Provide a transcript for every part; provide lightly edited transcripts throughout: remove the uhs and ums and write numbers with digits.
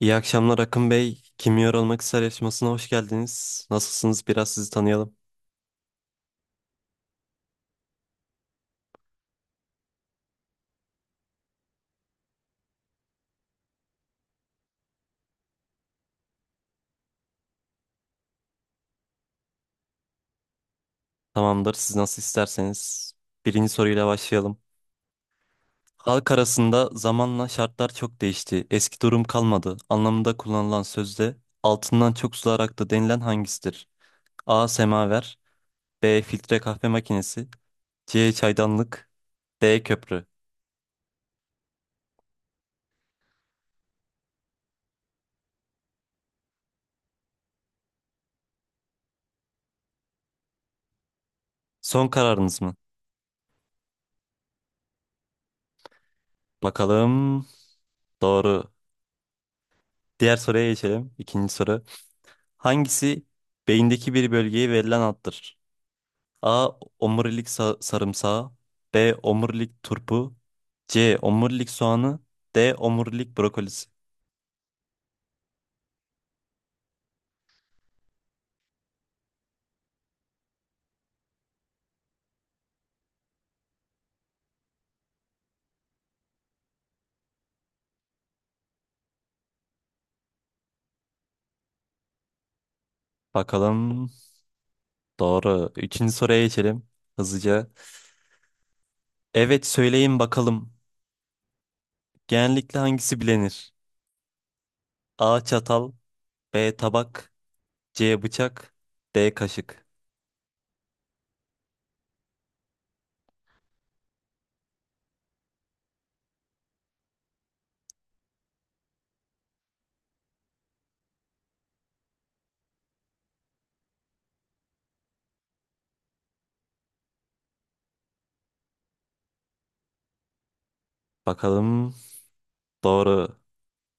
İyi akşamlar Akın Bey. Kim Yer Olmak ister yarışmasına hoş geldiniz. Nasılsınız? Biraz sizi tanıyalım. Tamamdır. Siz nasıl isterseniz. Birinci soruyla başlayalım. Halk arasında zamanla şartlar çok değişti. Eski durum kalmadı. Anlamında kullanılan sözde altından çok sular aktı denilen hangisidir? A. Semaver B. Filtre kahve makinesi C. Çaydanlık D. Köprü. Son kararınız mı? Bakalım. Doğru. Diğer soruya geçelim. İkinci soru. Hangisi beyindeki bir bölgeye verilen addır? A. Omurilik sarımsağı B. Omurilik turpu C. Omurilik soğanı D. Omurilik brokolisi. Bakalım, doğru. Üçüncü soruya geçelim hızlıca. Evet, söyleyin bakalım. Genellikle hangisi bilinir? A. Çatal B. Tabak C. Bıçak D. Kaşık. Bakalım, doğru.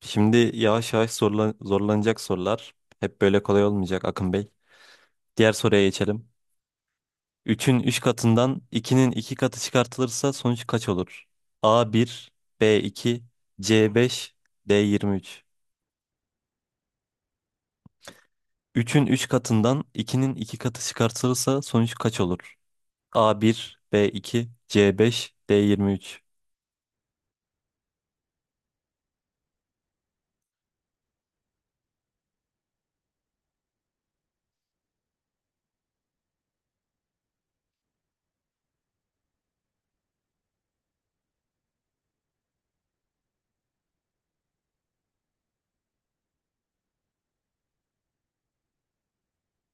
Şimdi yavaş yavaş zorlanacak sorular. Hep böyle kolay olmayacak Akın Bey. Diğer soruya geçelim. Üçün 3 katından ikinin 2 katı çıkartılırsa sonuç kaç olur? A1, B2, C5, D23. Üçün 3 katından ikinin 2 katı çıkartılırsa sonuç kaç olur? A1, B2, C5, D23.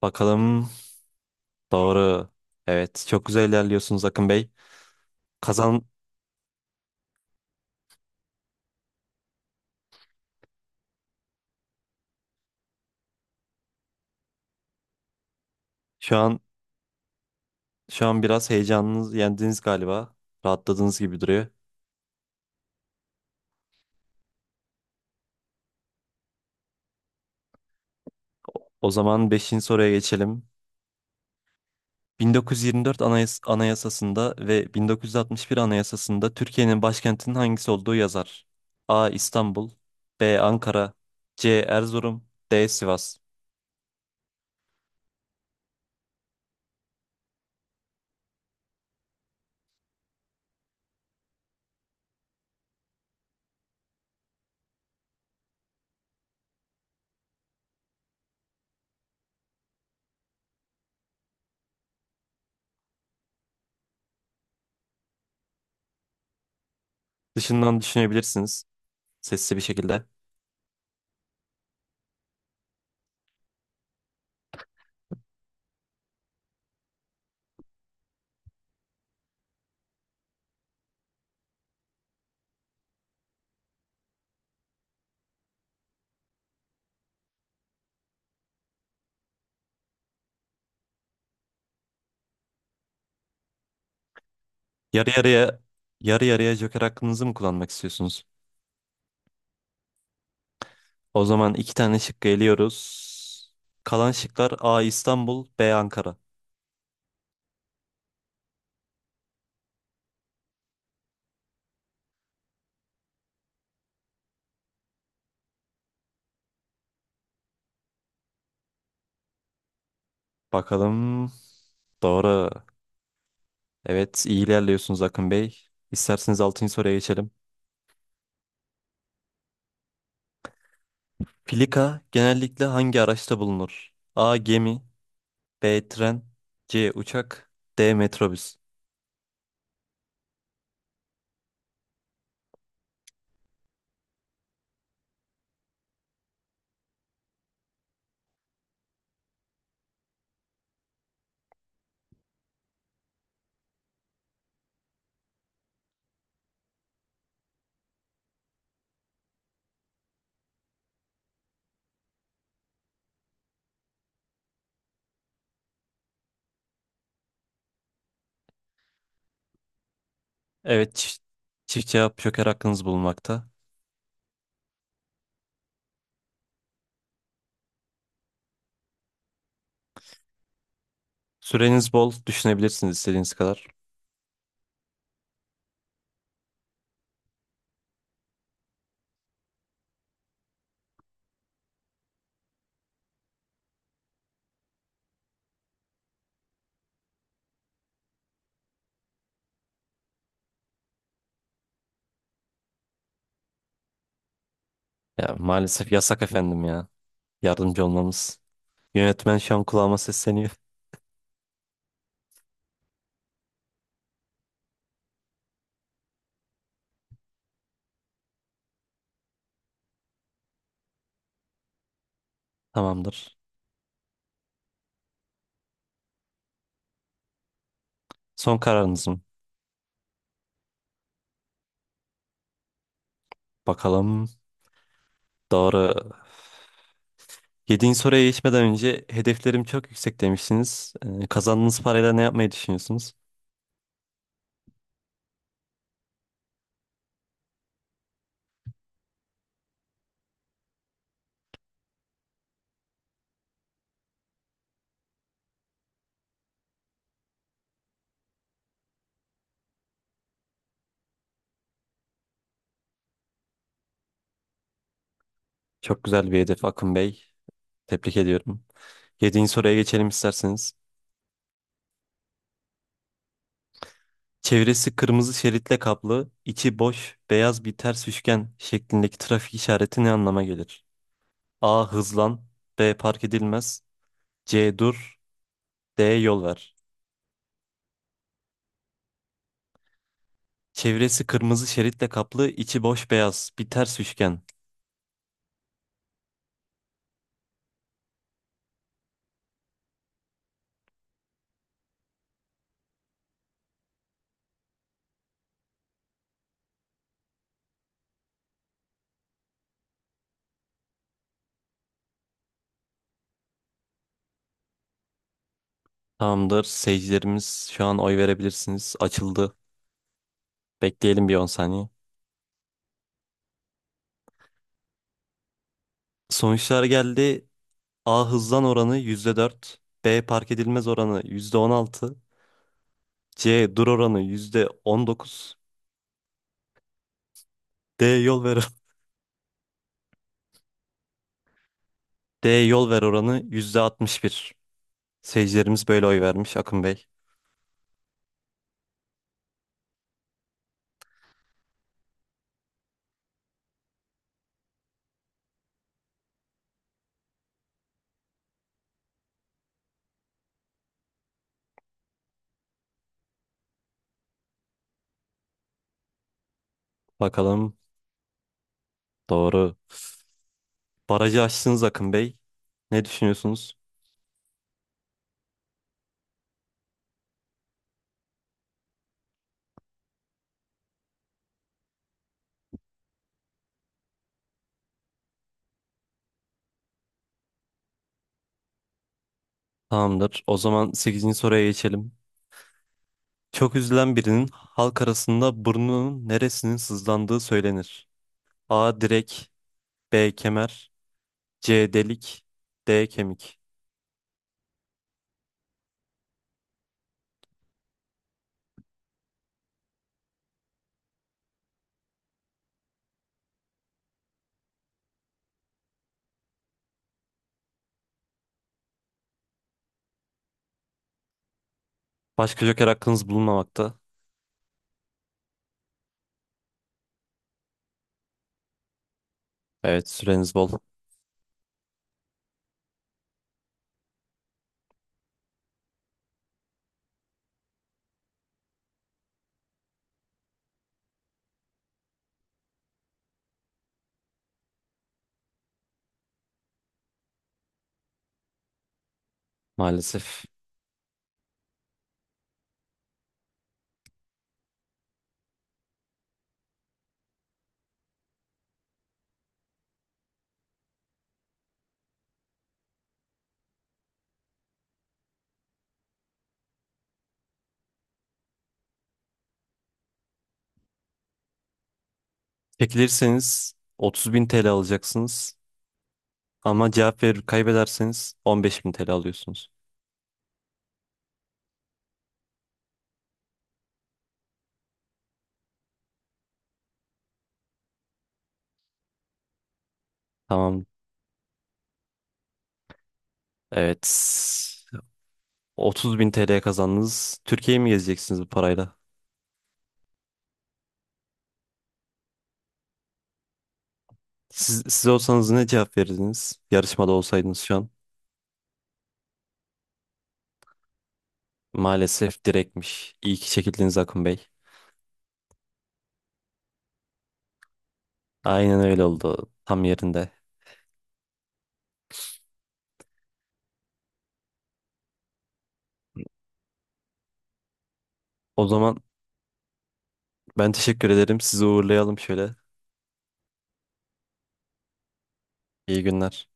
Bakalım, doğru. Evet, çok güzel ilerliyorsunuz Akın Bey. Kazan şu an şu an biraz heyecanınız yendiniz galiba. Rahatladığınız gibi duruyor. O zaman beşinci soruya geçelim. 1924 Anayasası'nda ve 1961 Anayasası'nda Türkiye'nin başkentinin hangisi olduğu yazar? A. İstanbul B. Ankara C. Erzurum D. Sivas. Dışından düşünebilirsiniz, sesli bir şekilde. Yarı yarıya yarı yarıya Joker hakkınızı mı kullanmak istiyorsunuz? O zaman iki tane şık geliyoruz. Kalan şıklar A. İstanbul B. Ankara. Bakalım, doğru. Evet, iyi ilerliyorsunuz Akın Bey. İsterseniz 6. soruya geçelim. Filika genellikle hangi araçta bulunur? A. Gemi B. Tren C. Uçak D. Metrobüs. Evet, çift cevap joker hakkınız bulunmakta. Süreniz bol, düşünebilirsiniz istediğiniz kadar. Ya, maalesef yasak efendim ya. Yardımcı olmamız. Yönetmen şu an kulağıma sesleniyor. Tamamdır. Son kararınız mı? Bakalım. Doğru. Yediğin soruya geçmeden önce hedeflerim çok yüksek demişsiniz. Kazandığınız parayla ne yapmayı düşünüyorsunuz? Çok güzel bir hedef Akın Bey. Tebrik ediyorum. Yediğin soruya geçelim isterseniz. Çevresi kırmızı şeritle kaplı, içi boş, beyaz bir ters üçgen şeklindeki trafik işareti ne anlama gelir? A. Hızlan B. Park edilmez C. Dur D. Yol ver. Çevresi kırmızı şeritle kaplı, içi boş beyaz, bir ters üçgen. Tamamdır. Seyircilerimiz şu an oy verebilirsiniz. Açıldı. Bekleyelim bir 10 saniye. Sonuçlar geldi. A hızlan oranı %4. B park edilmez oranı %16, C dur oranı %19. D yol ver D yol ver oranı %61. Seyircilerimiz böyle oy vermiş Akın Bey. Bakalım, doğru. Barajı aştınız Akın Bey. Ne düşünüyorsunuz? Tamamdır. O zaman sekizinci soruya geçelim. Çok üzülen birinin halk arasında burnunun neresinin sızlandığı söylenir. A. Direk B. Kemer C. Delik D. Kemik. Başka joker hakkınız bulunmamakta. Evet, süreniz bol. Maalesef. Çekilirseniz 30.000 TL alacaksınız. Ama cevap verir kaybederseniz 15.000 TL alıyorsunuz. Tamam. Evet. 30.000 TL kazandınız. Türkiye'yi mi gezeceksiniz bu parayla? Siz olsanız ne cevap verirdiniz? Yarışmada olsaydınız şu an. Maalesef direktmiş. İyi ki çekildiniz Akın Bey. Aynen öyle oldu. Tam yerinde. O zaman ben teşekkür ederim. Sizi uğurlayalım şöyle. İyi günler.